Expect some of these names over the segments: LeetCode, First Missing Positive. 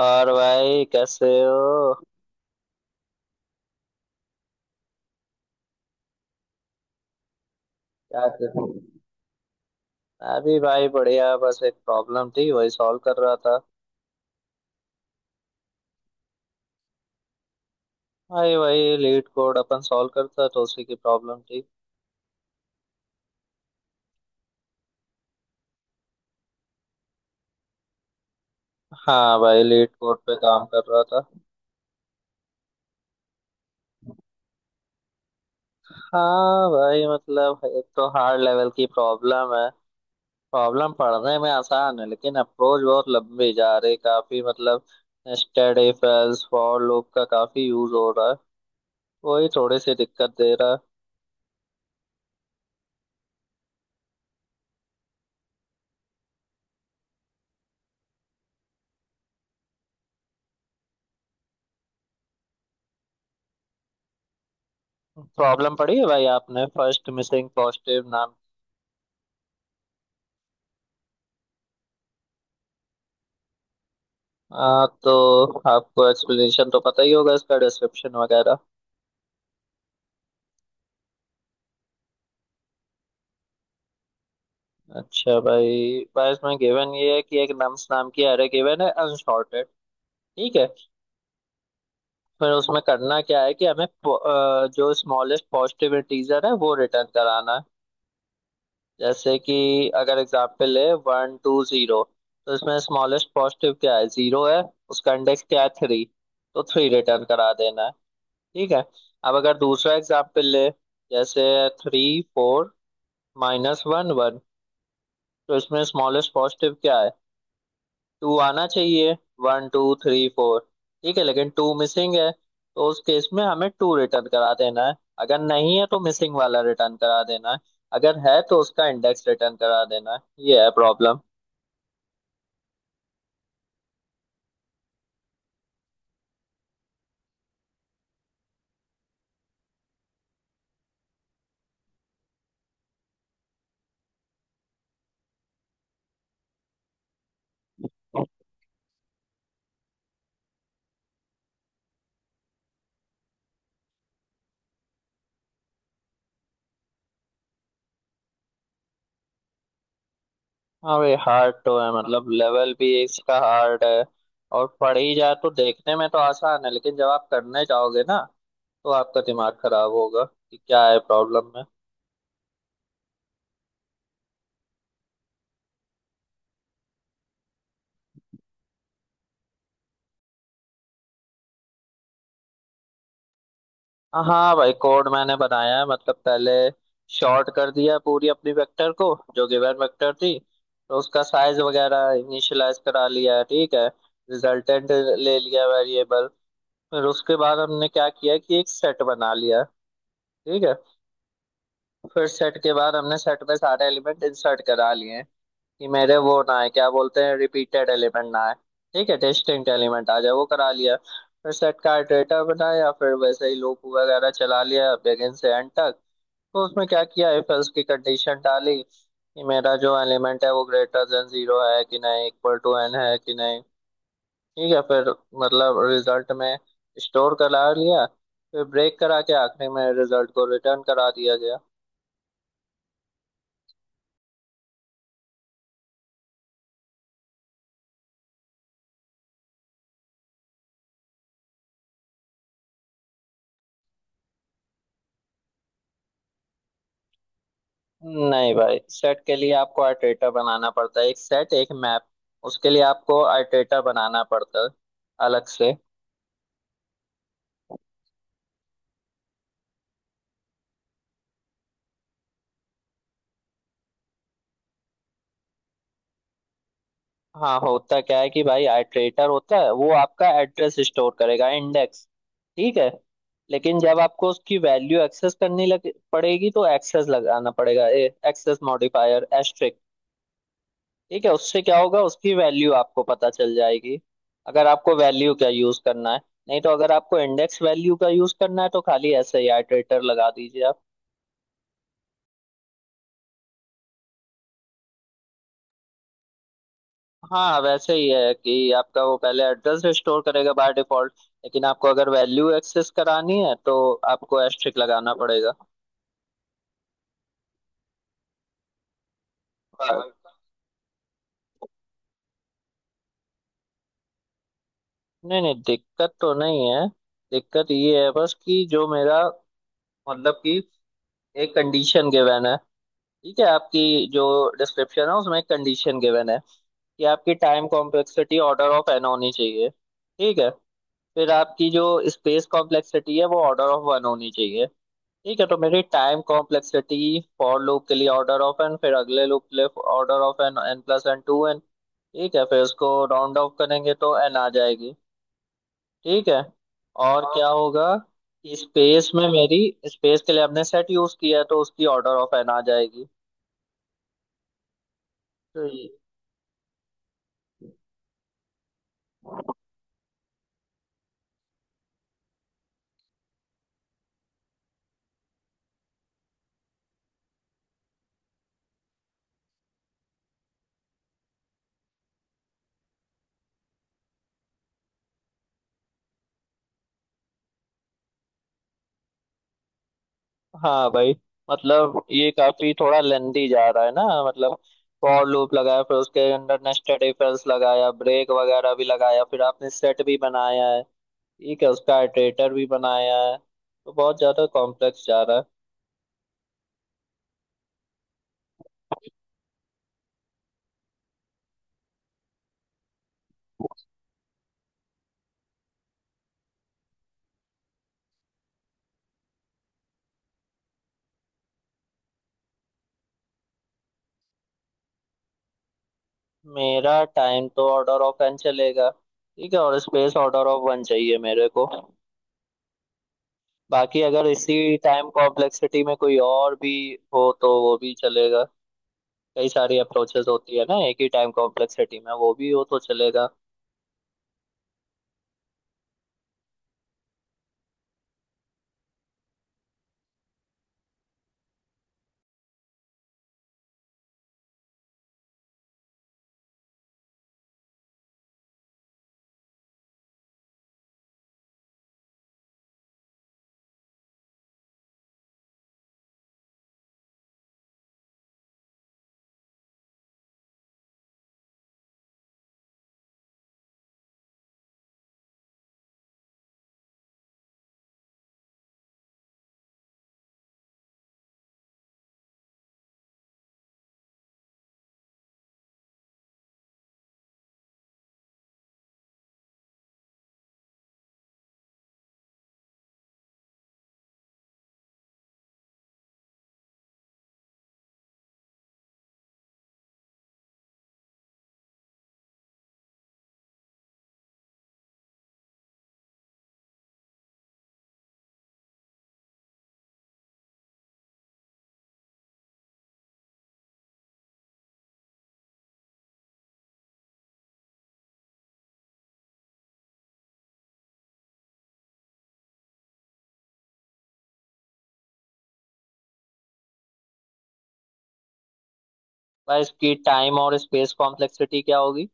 और भाई कैसे हो क्या कर रहे हो? मैं भी भाई बढ़िया, बस एक प्रॉब्लम थी वही सॉल्व कर रहा था। भाई वही लीड कोड अपन सॉल्व करता तो उसी की प्रॉब्लम थी। हाँ भाई, लीड कोड पे काम कर रहा था। हाँ भाई, मतलब एक तो हार्ड लेवल की प्रॉब्लम है। प्रॉब्लम पढ़ने में आसान है लेकिन अप्रोच बहुत लंबी जा रही, काफी मतलब nested if else for loop का काफी यूज हो रहा है। वही थोड़ी सी दिक्कत दे रहा है। प्रॉब्लम पड़ी है भाई, आपने फर्स्ट मिसिंग पॉजिटिव नाम। तो आपको एक्सप्लेनेशन तो पता ही होगा, इसका डिस्क्रिप्शन वगैरह। अच्छा भाई, भाई इसमें गिवन ये है कि एक नम्स नाम की एरे गिवन है अनसॉर्टेड। ठीक है। फिर उसमें करना क्या है कि हमें जो स्मॉलेस्ट पॉजिटिव इंटीजर है वो रिटर्न कराना है। जैसे कि अगर एग्जाम्पल है वन टू जीरो, तो इसमें स्मॉलेस्ट पॉजिटिव क्या है, जीरो है। उसका इंडेक्स क्या है, थ्री। तो थ्री रिटर्न करा देना है। ठीक है। अब अगर दूसरा एग्जाम्पल ले, जैसे three, four, minus one, one. तो इसमें स्मॉलेस्ट पॉजिटिव क्या है, टू आना चाहिए। वन टू थ्री फोर, ठीक है, लेकिन टू मिसिंग है, तो उस केस में हमें टू रिटर्न करा देना है। अगर नहीं है तो मिसिंग वाला रिटर्न करा देना है, अगर है तो उसका इंडेक्स रिटर्न करा देना है। ये है प्रॉब्लम। हाँ भाई, हार्ड तो है, मतलब लेवल भी इसका हार्ड है। और पढ़ ही जाए तो देखने में तो आसान है, लेकिन जब आप करने जाओगे ना, तो आपका दिमाग खराब होगा कि क्या है प्रॉब्लम में। हाँ हाँ भाई, कोड मैंने बनाया है। मतलब पहले शॉर्ट कर दिया पूरी अपनी वेक्टर को, जो गिवन वेक्टर थी। तो उसका साइज वगैरह इनिशियलाइज करा लिया है, ठीक है। रिजल्टेंट ले लिया वेरिएबल। फिर उसके बाद हमने क्या किया कि एक सेट बना लिया, ठीक है। फिर सेट के बाद हमने सेट में सारे एलिमेंट इंसर्ट करा लिए, कि मेरे वो ना है क्या बोलते हैं, रिपीटेड एलिमेंट ना है। ठीक है, डिस्टिंक्ट एलिमेंट आ जाए, वो करा लिया। फिर सेट का इटरेटर बनाया, फिर वैसे ही लूप वगैरह चला लिया बिगिन से एंड तक। तो उसमें क्या किया, इफ एल्स की कंडीशन डाली कि मेरा जो एलिमेंट है वो ग्रेटर देन जीरो है कि नहीं, इक्वल टू एन है कि नहीं। ठीक है, फिर मतलब रिजल्ट में स्टोर करा लिया, फिर ब्रेक करा के आखिरी में रिजल्ट को रिटर्न करा दिया गया। नहीं भाई, सेट के लिए आपको आर्टेटा बनाना पड़ता है, एक सेट एक मैप उसके लिए आपको आर्टेटा बनाना पड़ता है अलग से। हाँ, होता क्या है कि भाई आर्टेटर होता है वो आपका एड्रेस स्टोर करेगा, इंडेक्स। ठीक है, लेकिन जब आपको उसकी वैल्यू एक्सेस करनी लग पड़ेगी, तो एक्सेस लगाना पड़ेगा, एक्सेस मॉडिफायर। ठीक है, उससे क्या होगा उसकी वैल्यू आपको पता चल जाएगी, अगर आपको वैल्यू का यूज करना है। नहीं तो अगर आपको इंडेक्स वैल्यू का यूज करना है, तो खाली ऐसे ही आइटरेटर लगा दीजिए आप। हाँ वैसे ही है कि आपका वो पहले एड्रेस स्टोर करेगा बाय डिफॉल्ट, लेकिन आपको अगर वैल्यू एक्सेस करानी है तो आपको एस्ट्रिक लगाना पड़ेगा। नहीं, नहीं दिक्कत तो नहीं है। दिक्कत ये है बस, कि जो मेरा मतलब कि एक कंडीशन गिवन है, ठीक है आपकी, जो डिस्क्रिप्शन है उसमें एक कंडीशन गिवन है कि आपकी time complexity order of N होनी चाहिए, ठीक है। फिर आपकी जो स्पेस कॉम्प्लेक्सिटी है वो ऑर्डर ऑफ वन होनी चाहिए। ठीक है, तो मेरी टाइम कॉम्प्लेक्सिटी फॉर लूप के लिए ऑर्डर ऑफ एन, फिर अगले लूप के लिए order of N, N plus N two N, ठीक है, फिर उसको राउंड ऑफ करेंगे तो एन आ जाएगी। ठीक है, और क्या होगा कि स्पेस में मेरी स्पेस के लिए आपने सेट यूज किया है, तो उसकी ऑर्डर ऑफ एन आ जाएगी। तो हाँ भाई, मतलब ये काफी थोड़ा लेंदी जा रहा है ना, मतलब फॉर लूप लगाया, फिर उसके अंदर नेस्टेड इफ एल्स लगाया, ब्रेक वगैरह भी लगाया, फिर आपने सेट भी बनाया है। ठीक है, उसका इटरेटर भी बनाया है, तो बहुत ज्यादा कॉम्प्लेक्स जा रहा है। मेरा टाइम तो ऑर्डर ऑफ एन चलेगा, ठीक है, और स्पेस ऑर्डर ऑफ वन चाहिए मेरे को। बाकी अगर इसी टाइम कॉम्प्लेक्सिटी में कोई और भी हो तो वो भी चलेगा। कई सारी अप्रोचेस होती है ना, एक ही टाइम कॉम्प्लेक्सिटी में वो भी हो तो चलेगा। भाई, इसकी टाइम और स्पेस कॉम्प्लेक्सिटी क्या होगी?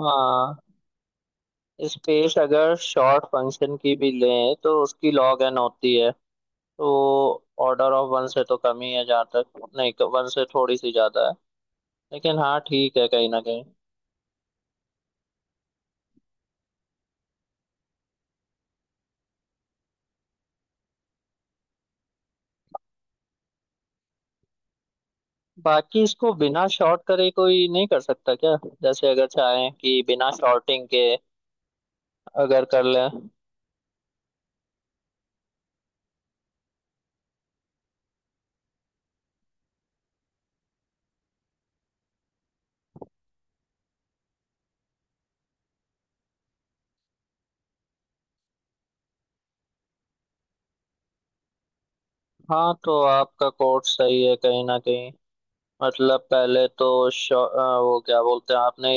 हाँ, स्पेस अगर शॉर्ट फंक्शन की भी लें तो उसकी लॉग एन होती है, तो ऑर्डर ऑफ वन से तो कम ही है, जहाँ तक नहीं, वन से थोड़ी सी ज्यादा है। लेकिन हाँ ठीक है, कहीं ना कहीं। बाकी इसको बिना शॉर्ट करे कोई नहीं कर सकता क्या? जैसे अगर चाहें कि बिना शॉर्टिंग के अगर कर लें। हाँ तो आपका कोड सही है, कहीं ना कहीं। मतलब पहले तो वो क्या बोलते हैं, आपने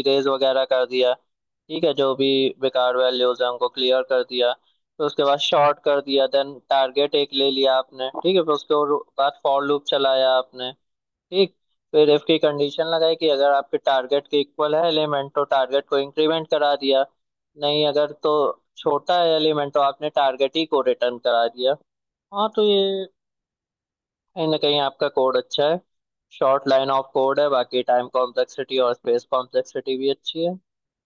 इरेज वगैरह कर दिया। ठीक है, जो भी बेकार वैल्यूज है उनको क्लियर कर दिया, फिर उसके बाद शॉर्ट कर दिया, देन टारगेट एक ले लिया आपने, ठीक है, फिर बाद फॉर लूप चलाया आपने, ठीक। फिर इफ की कंडीशन लगाई कि अगर आपके टारगेट के इक्वल है एलिमेंट तो टारगेट को इंक्रीमेंट करा दिया, नहीं अगर तो छोटा है एलिमेंट तो आपने टारगेट ही को रिटर्न करा दिया। हाँ तो ये, कहीं ना कहीं आपका कोड अच्छा है, शॉर्ट लाइन ऑफ कोड है, बाकी टाइम कॉम्प्लेक्सिटी और स्पेस कॉम्प्लेक्सिटी भी अच्छी है।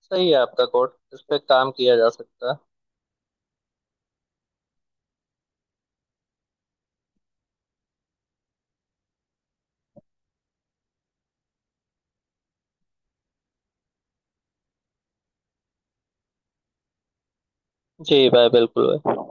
सही है, आपका कोड इस पे काम किया जा सकता है। जी भाई, बिल्कुल भाई।